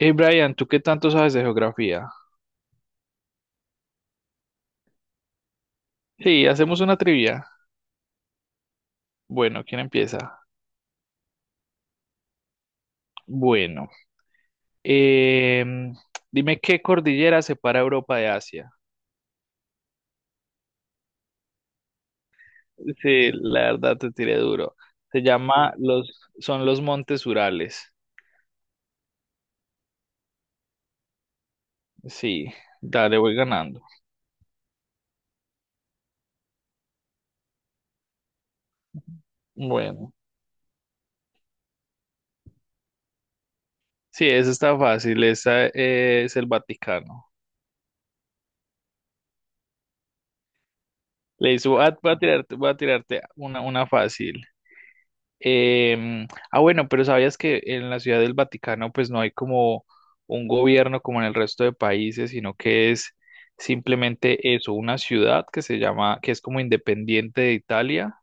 Hey Brian, ¿tú qué tanto sabes de geografía? Sí, hacemos una trivia. Bueno, ¿quién empieza? Bueno, em, dime qué cordillera separa Europa de Asia. Sí, la verdad te tiré duro. Se llama los, son los Montes Urales. Sí, dale, voy ganando. Bueno, sí, eso está fácil. Esa es el Vaticano. Le hizo, voy a tirarte una fácil. Bueno, pero sabías que en la Ciudad del Vaticano pues no hay como un gobierno como en el resto de países, sino que es simplemente eso, una ciudad que se llama, que es como independiente de Italia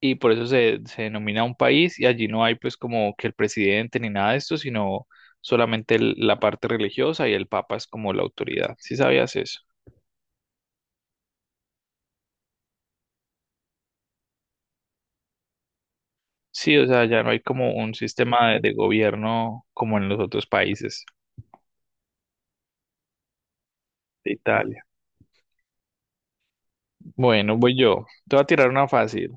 y por eso se denomina un país y allí no hay pues como que el presidente ni nada de esto, sino solamente la parte religiosa y el papa es como la autoridad. ¿Sí sabías eso? Sí, o sea, ya no hay como un sistema de gobierno como en los otros países de Italia. Bueno, voy yo. Te voy a tirar una fácil.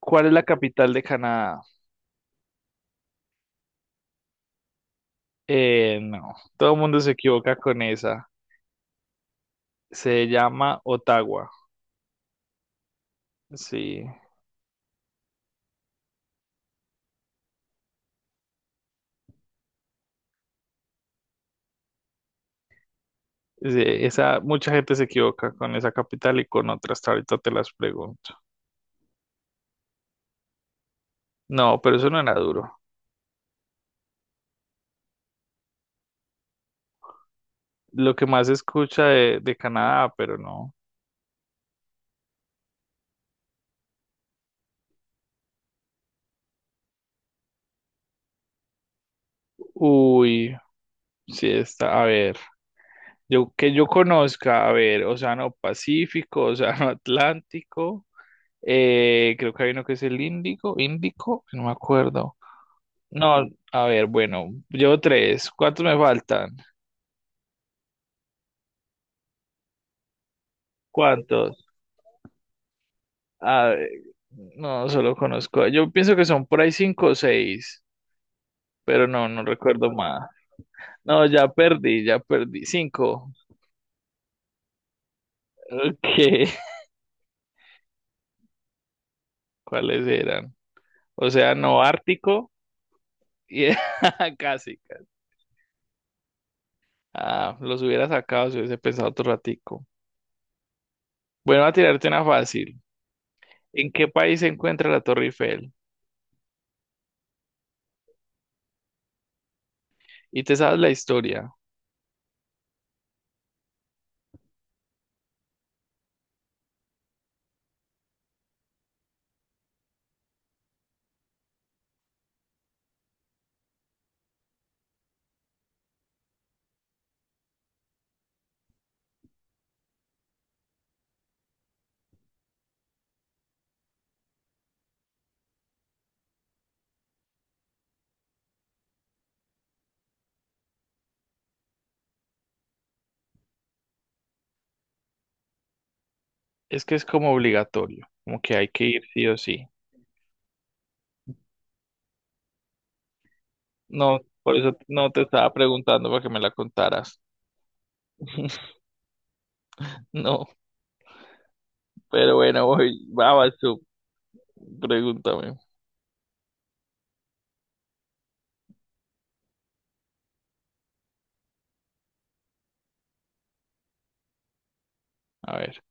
¿Cuál es la capital de Canadá? No, todo el mundo se equivoca con esa. Se llama Ottawa. Sí, sí, esa, mucha gente se equivoca con esa capital y con otras. Ahorita te las pregunto. No, pero eso no era duro. Lo que más se escucha de Canadá, pero no. Uy, sí está. A ver, yo que yo conozca, a ver, Océano Pacífico, Océano Atlántico. Creo que hay uno que es el índigo, índico, no me acuerdo. No, a ver, bueno, llevo tres. ¿Cuántos me faltan? ¿Cuántos? A ver, no, solo conozco. Yo pienso que son por ahí cinco o seis, pero no, no recuerdo más. No, ya perdí, ya perdí. Cinco. Ok, ¿cuáles eran? O sea, no ártico y casi, casi. Ah, los hubiera sacado si hubiese pensado otro ratico. Bueno, a tirarte una fácil. ¿En qué país se encuentra la Torre Eiffel? Y te sabes la historia. Es que es como obligatorio, como que hay que ir sí o sí. No, por eso no te estaba preguntando para que me la contaras. No, pero bueno, voy, vas tú, pregúntame. A ver.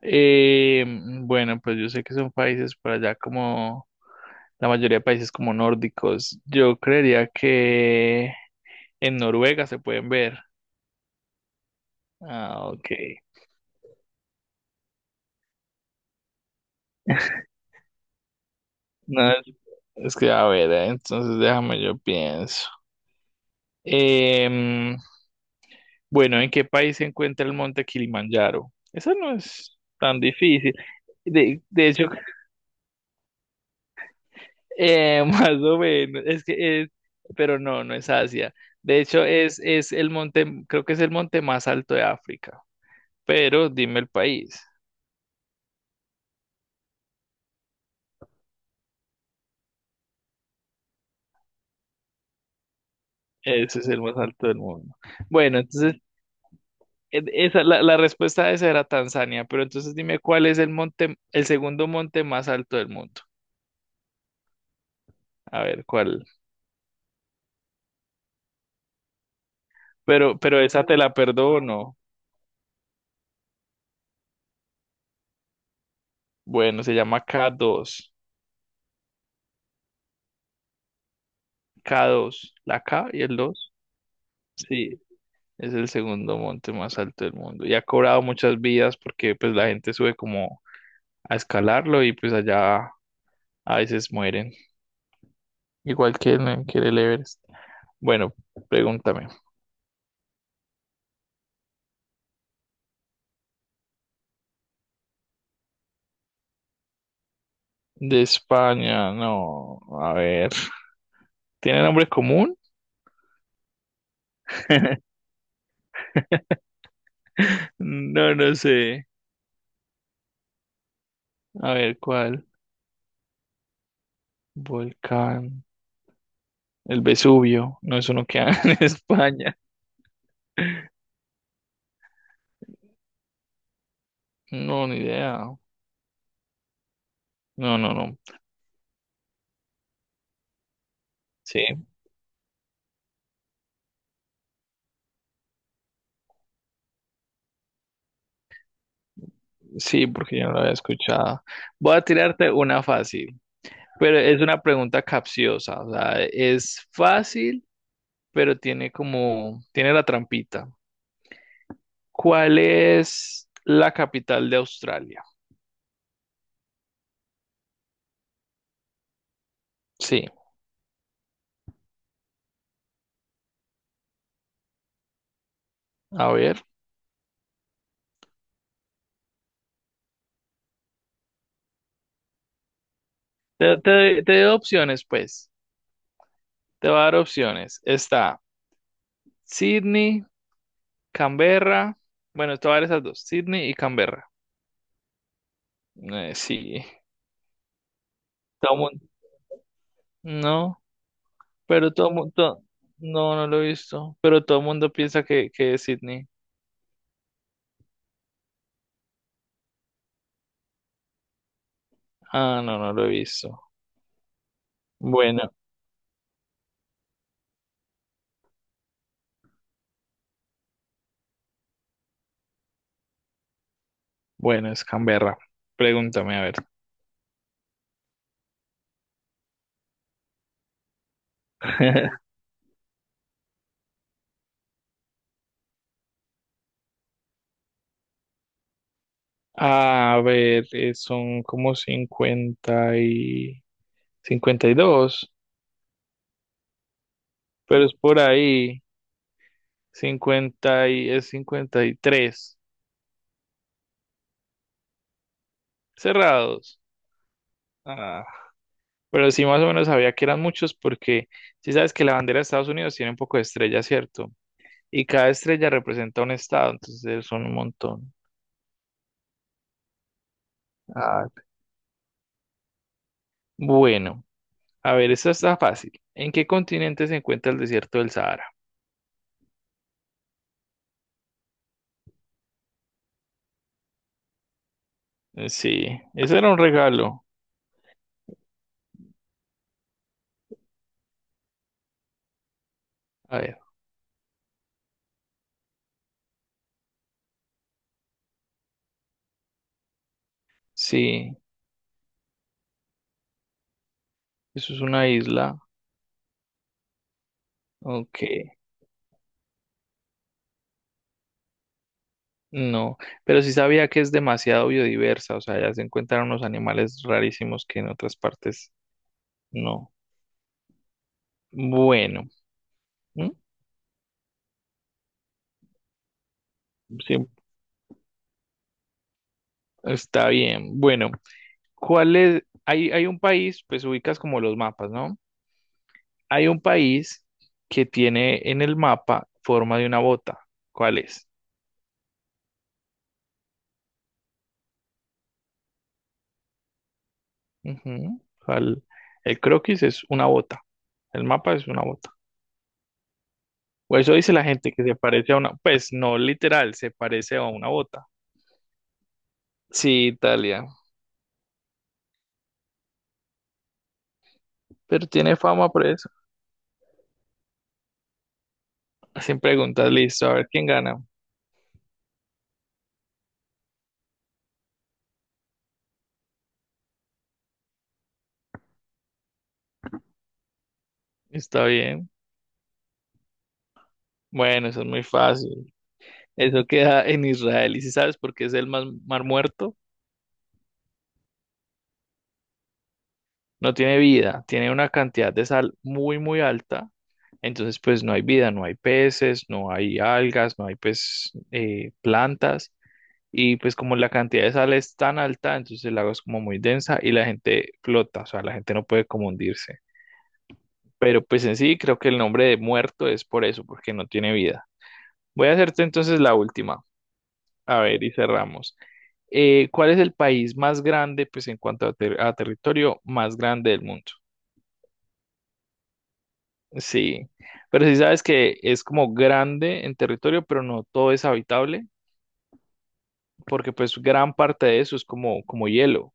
Bueno, pues yo sé que son países por allá como la mayoría de países como nórdicos. Yo creería que en Noruega se pueden ver. Ah, ok. No, es que a ver, entonces déjame yo pienso. Em, bueno, ¿en qué país se encuentra el monte Kilimanjaro? Eso no es tan difícil. De hecho, más o menos, es que es, pero no, no es Asia. De hecho, es el monte, creo que es el monte más alto de África. Pero dime el país. Ese es el más alto del mundo. Bueno, entonces, esa, la respuesta a esa era Tanzania, pero entonces dime cuál es el monte, el segundo monte más alto del mundo. A ver, cuál. Pero esa te la perdono. Bueno, se llama K2. K2. La K y el 2. Sí, es el segundo monte más alto del mundo. Y ha cobrado muchas vidas porque pues la gente sube como a escalarlo y pues allá a veces mueren. Igual que que en el Everest. Bueno, pregúntame. De España, no. A ver. ¿Tiene nombre común? No, no sé. A ver, ¿cuál? Volcán. El Vesubio. No es uno que hay en España. No, ni idea. No, no, no. Sí, sí, porque yo no lo había escuchado. Voy a tirarte una fácil, pero es una pregunta capciosa. O sea, es fácil, pero tiene como, tiene la trampita. ¿Cuál es la capital de Australia? Sí, a ver. Te doy opciones, pues. Te voy a dar opciones. Está Sydney, Canberra. Bueno, te voy a dar esas dos, Sydney y Canberra. Sí. Todo mundo. No, pero todo mundo. No, no lo he visto. Pero todo el mundo piensa que es Sydney. Ah, no, no lo he visto. Bueno, bueno, es Canberra. Pregúntame, a ver. A ver, son como 52, pero es por ahí. 50 y es 53 cerrados. Ah, pero sí más o menos sabía que eran muchos porque sí sabes que la bandera de Estados Unidos tiene un poco de estrellas, ¿cierto? Y cada estrella representa un estado, entonces son un montón. Ah, bueno, a ver, esta está fácil. ¿En qué continente se encuentra el desierto del Sahara? Sí, ese era un regalo. A ver, sí, eso es una isla. Ok. No, pero sí sabía que es demasiado biodiversa, o sea, allá se encuentran unos animales rarísimos que en otras partes no. Bueno, ¿m? Sí, está bien. Bueno, ¿cuál es? Hay un país, pues ubicas como los mapas, ¿no? Hay un país que tiene en el mapa forma de una bota. ¿Cuál es? Ujú, ¿cuál? El croquis es una bota, el mapa es una bota. O eso dice la gente que se parece a una, pues no literal, se parece a una bota. Sí, Italia. Pero tiene fama por eso. Sin preguntas, listo, a ver quién gana. Está bien. Bueno, eso es muy fácil. Eso queda en Israel. Y si sabes por qué es el mar muerto, no tiene vida, tiene una cantidad de sal muy, muy alta. Entonces, pues no hay vida, no hay peces, no hay algas, no hay pues plantas. Y pues como la cantidad de sal es tan alta, entonces el lago es como muy densa y la gente flota, o sea, la gente no puede como hundirse. Pero pues en sí creo que el nombre de muerto es por eso, porque no tiene vida. Voy a hacerte entonces la última. A ver, y cerramos. ¿Cuál es el país más grande, pues en cuanto a territorio, más grande del mundo? Sí, pero si sabes que es como grande en territorio, pero no todo es habitable, porque pues gran parte de eso es como hielo.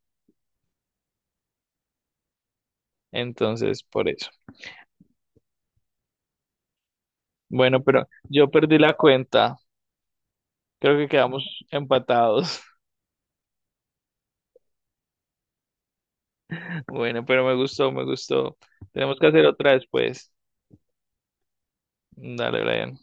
Entonces, por eso. Bueno, pero yo perdí la cuenta. Creo que quedamos empatados. Bueno, pero me gustó, me gustó. Tenemos que hacer otra después. Dale, Brian.